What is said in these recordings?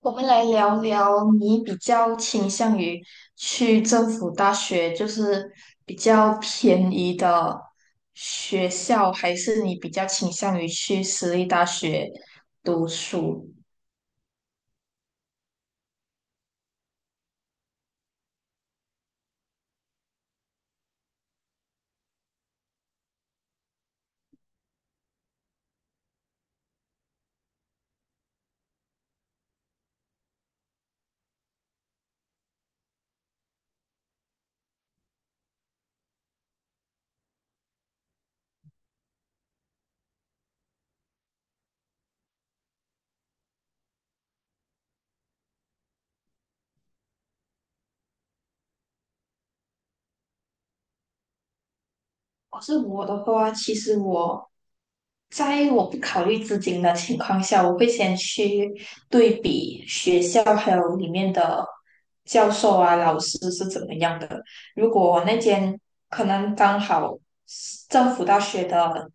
我们来聊聊，你比较倾向于去政府大学，就是比较便宜的学校，还是你比较倾向于去私立大学读书？我的话，其实我在我不考虑资金的情况下，我会先去对比学校还有里面的教授啊、老师是怎么样的。如果我那间可能刚好是政府大学的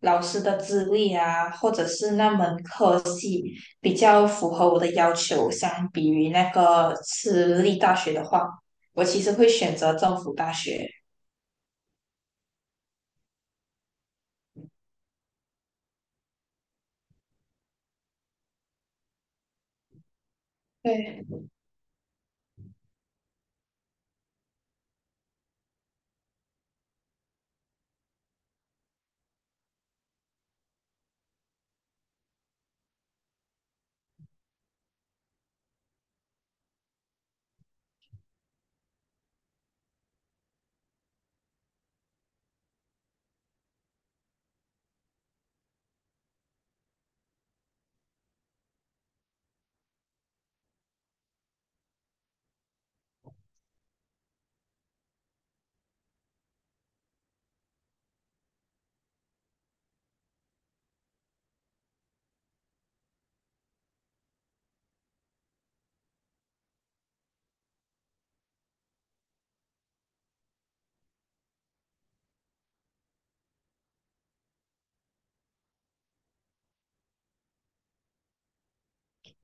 老师的资历啊，或者是那门科系比较符合我的要求，相比于那个私立大学的话，我其实会选择政府大学。对。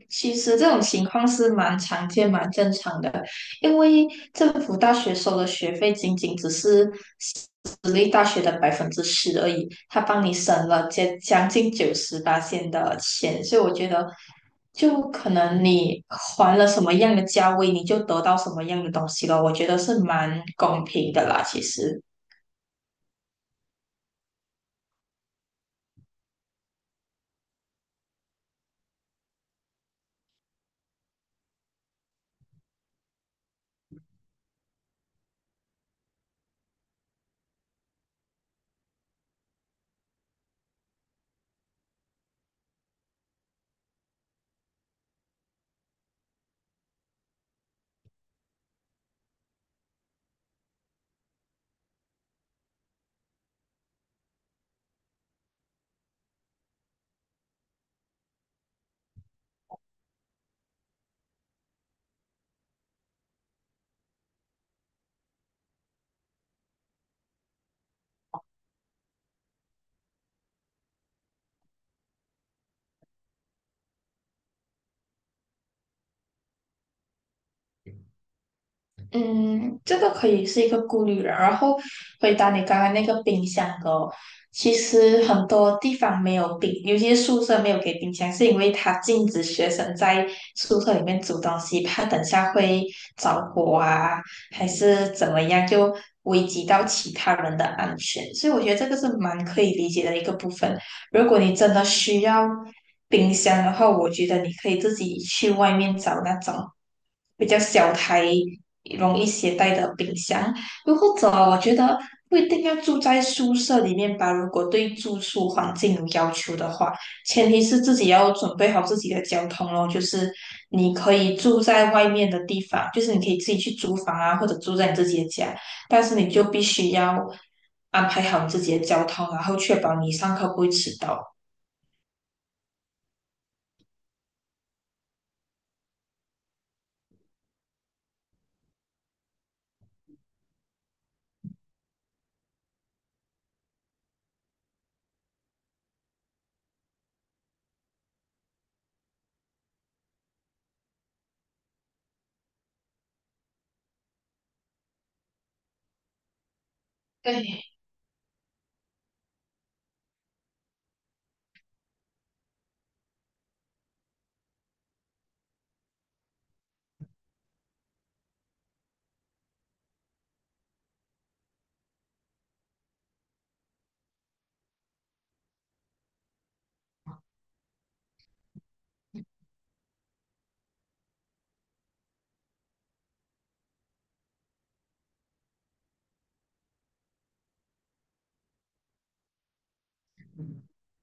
其实这种情况是蛮常见、蛮正常的，因为政府大学收的学费仅仅只是私立大学的10%而已，他帮你省了将近98线的钱，所以我觉得，就可能你还了什么样的价位，你就得到什么样的东西了，我觉得是蛮公平的啦，其实。嗯，这个可以是一个顾虑了。然后回答你刚刚那个冰箱的哦，其实很多地方没有冰，尤其是宿舍没有给冰箱，是因为它禁止学生在宿舍里面煮东西，怕等下会着火啊，还是怎么样，就危及到其他人的安全。所以我觉得这个是蛮可以理解的一个部分。如果你真的需要冰箱的话，我觉得你可以自己去外面找那种比较小台、容易携带的冰箱。又或者，我觉得不一定要住在宿舍里面吧。如果对住宿环境有要求的话，前提是自己要准备好自己的交通咯。就是你可以住在外面的地方，就是你可以自己去租房啊，或者住在你自己的家。但是你就必须要安排好自己的交通，然后确保你上课不会迟到。对，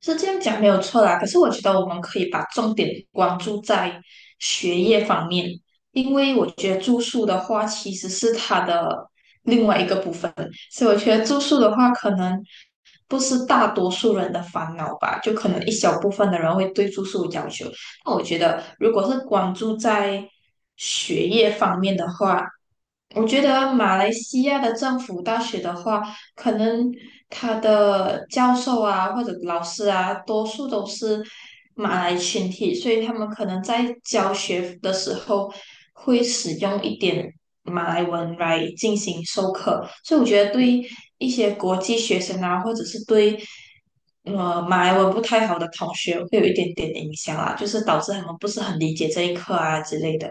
是这样讲没有错啦，可是我觉得我们可以把重点关注在学业方面，因为我觉得住宿的话其实是它的另外一个部分，所以我觉得住宿的话可能不是大多数人的烦恼吧，就可能一小部分的人会对住宿有要求。那我觉得如果是关注在学业方面的话，我觉得马来西亚的政府大学的话，可能他的教授啊或者老师啊，多数都是马来群体，所以他们可能在教学的时候会使用一点马来文来进行授课，所以我觉得对一些国际学生啊，或者是对马来文不太好的同学，会有一点点影响啊，就是导致他们不是很理解这一课啊之类的。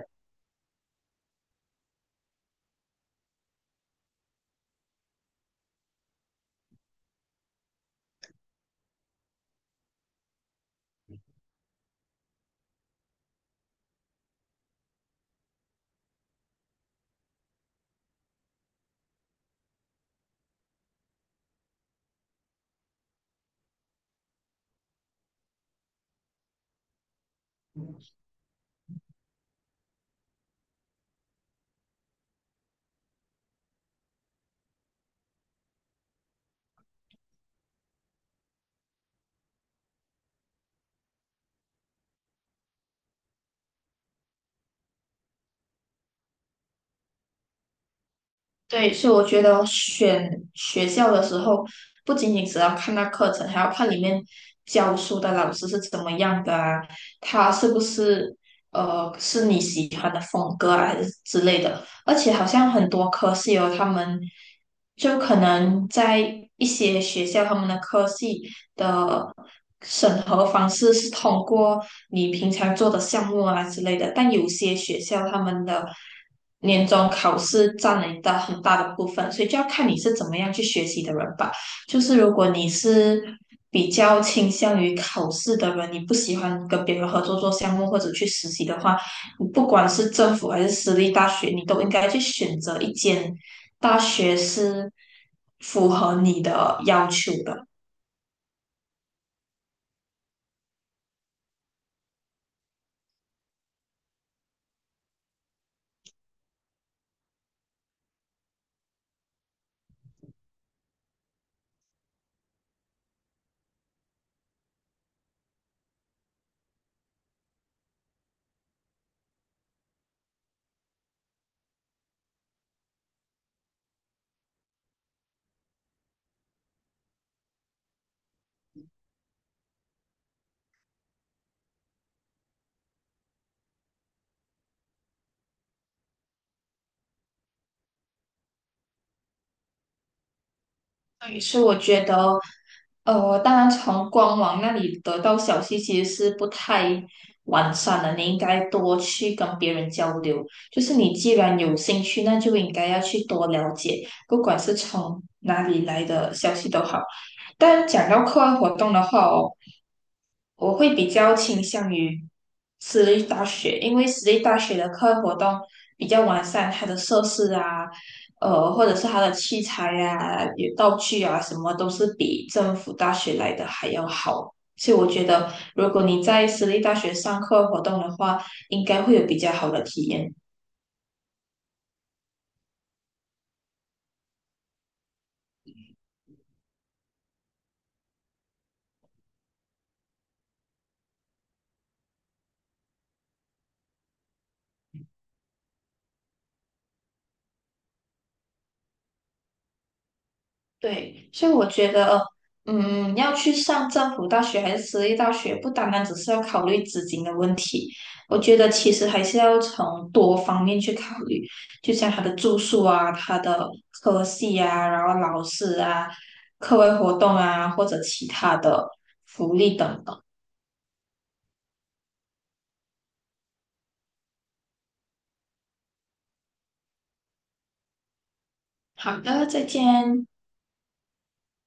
对，所以我觉得选学校的时候，不仅仅只要看那课程，还要看里面教书的老师是怎么样的啊，他是不是是你喜欢的风格啊，还是之类的。而且好像很多科系哦，他们就可能在一些学校，他们的科系的审核方式是通过你平常做的项目啊之类的，但有些学校他们的年终考试占了一大很大的部分，所以就要看你是怎么样去学习的人吧。就是如果你是比较倾向于考试的人，你不喜欢跟别人合作做项目或者去实习的话，不管是政府还是私立大学，你都应该去选择一间大学是符合你的要求的。对，所以我觉得，当然从官网那里得到消息其实是不太完善的，你应该多去跟别人交流。就是你既然有兴趣，那就应该要去多了解，不管是从哪里来的消息都好。但讲到课外活动的话哦。我会比较倾向于私立大学，因为私立大学的课外活动比较完善，它的设施啊，或者是它的器材啊、有道具啊，什么都是比政府大学来的还要好。所以我觉得，如果你在私立大学上课外活动的话，应该会有比较好的体验。对，所以我觉得，嗯，要去上政府大学还是私立大学，不单单只是要考虑资金的问题，我觉得其实还是要从多方面去考虑，就像他的住宿啊、他的科系啊，然后老师啊、课外活动啊，或者其他的福利等等。好的，再见。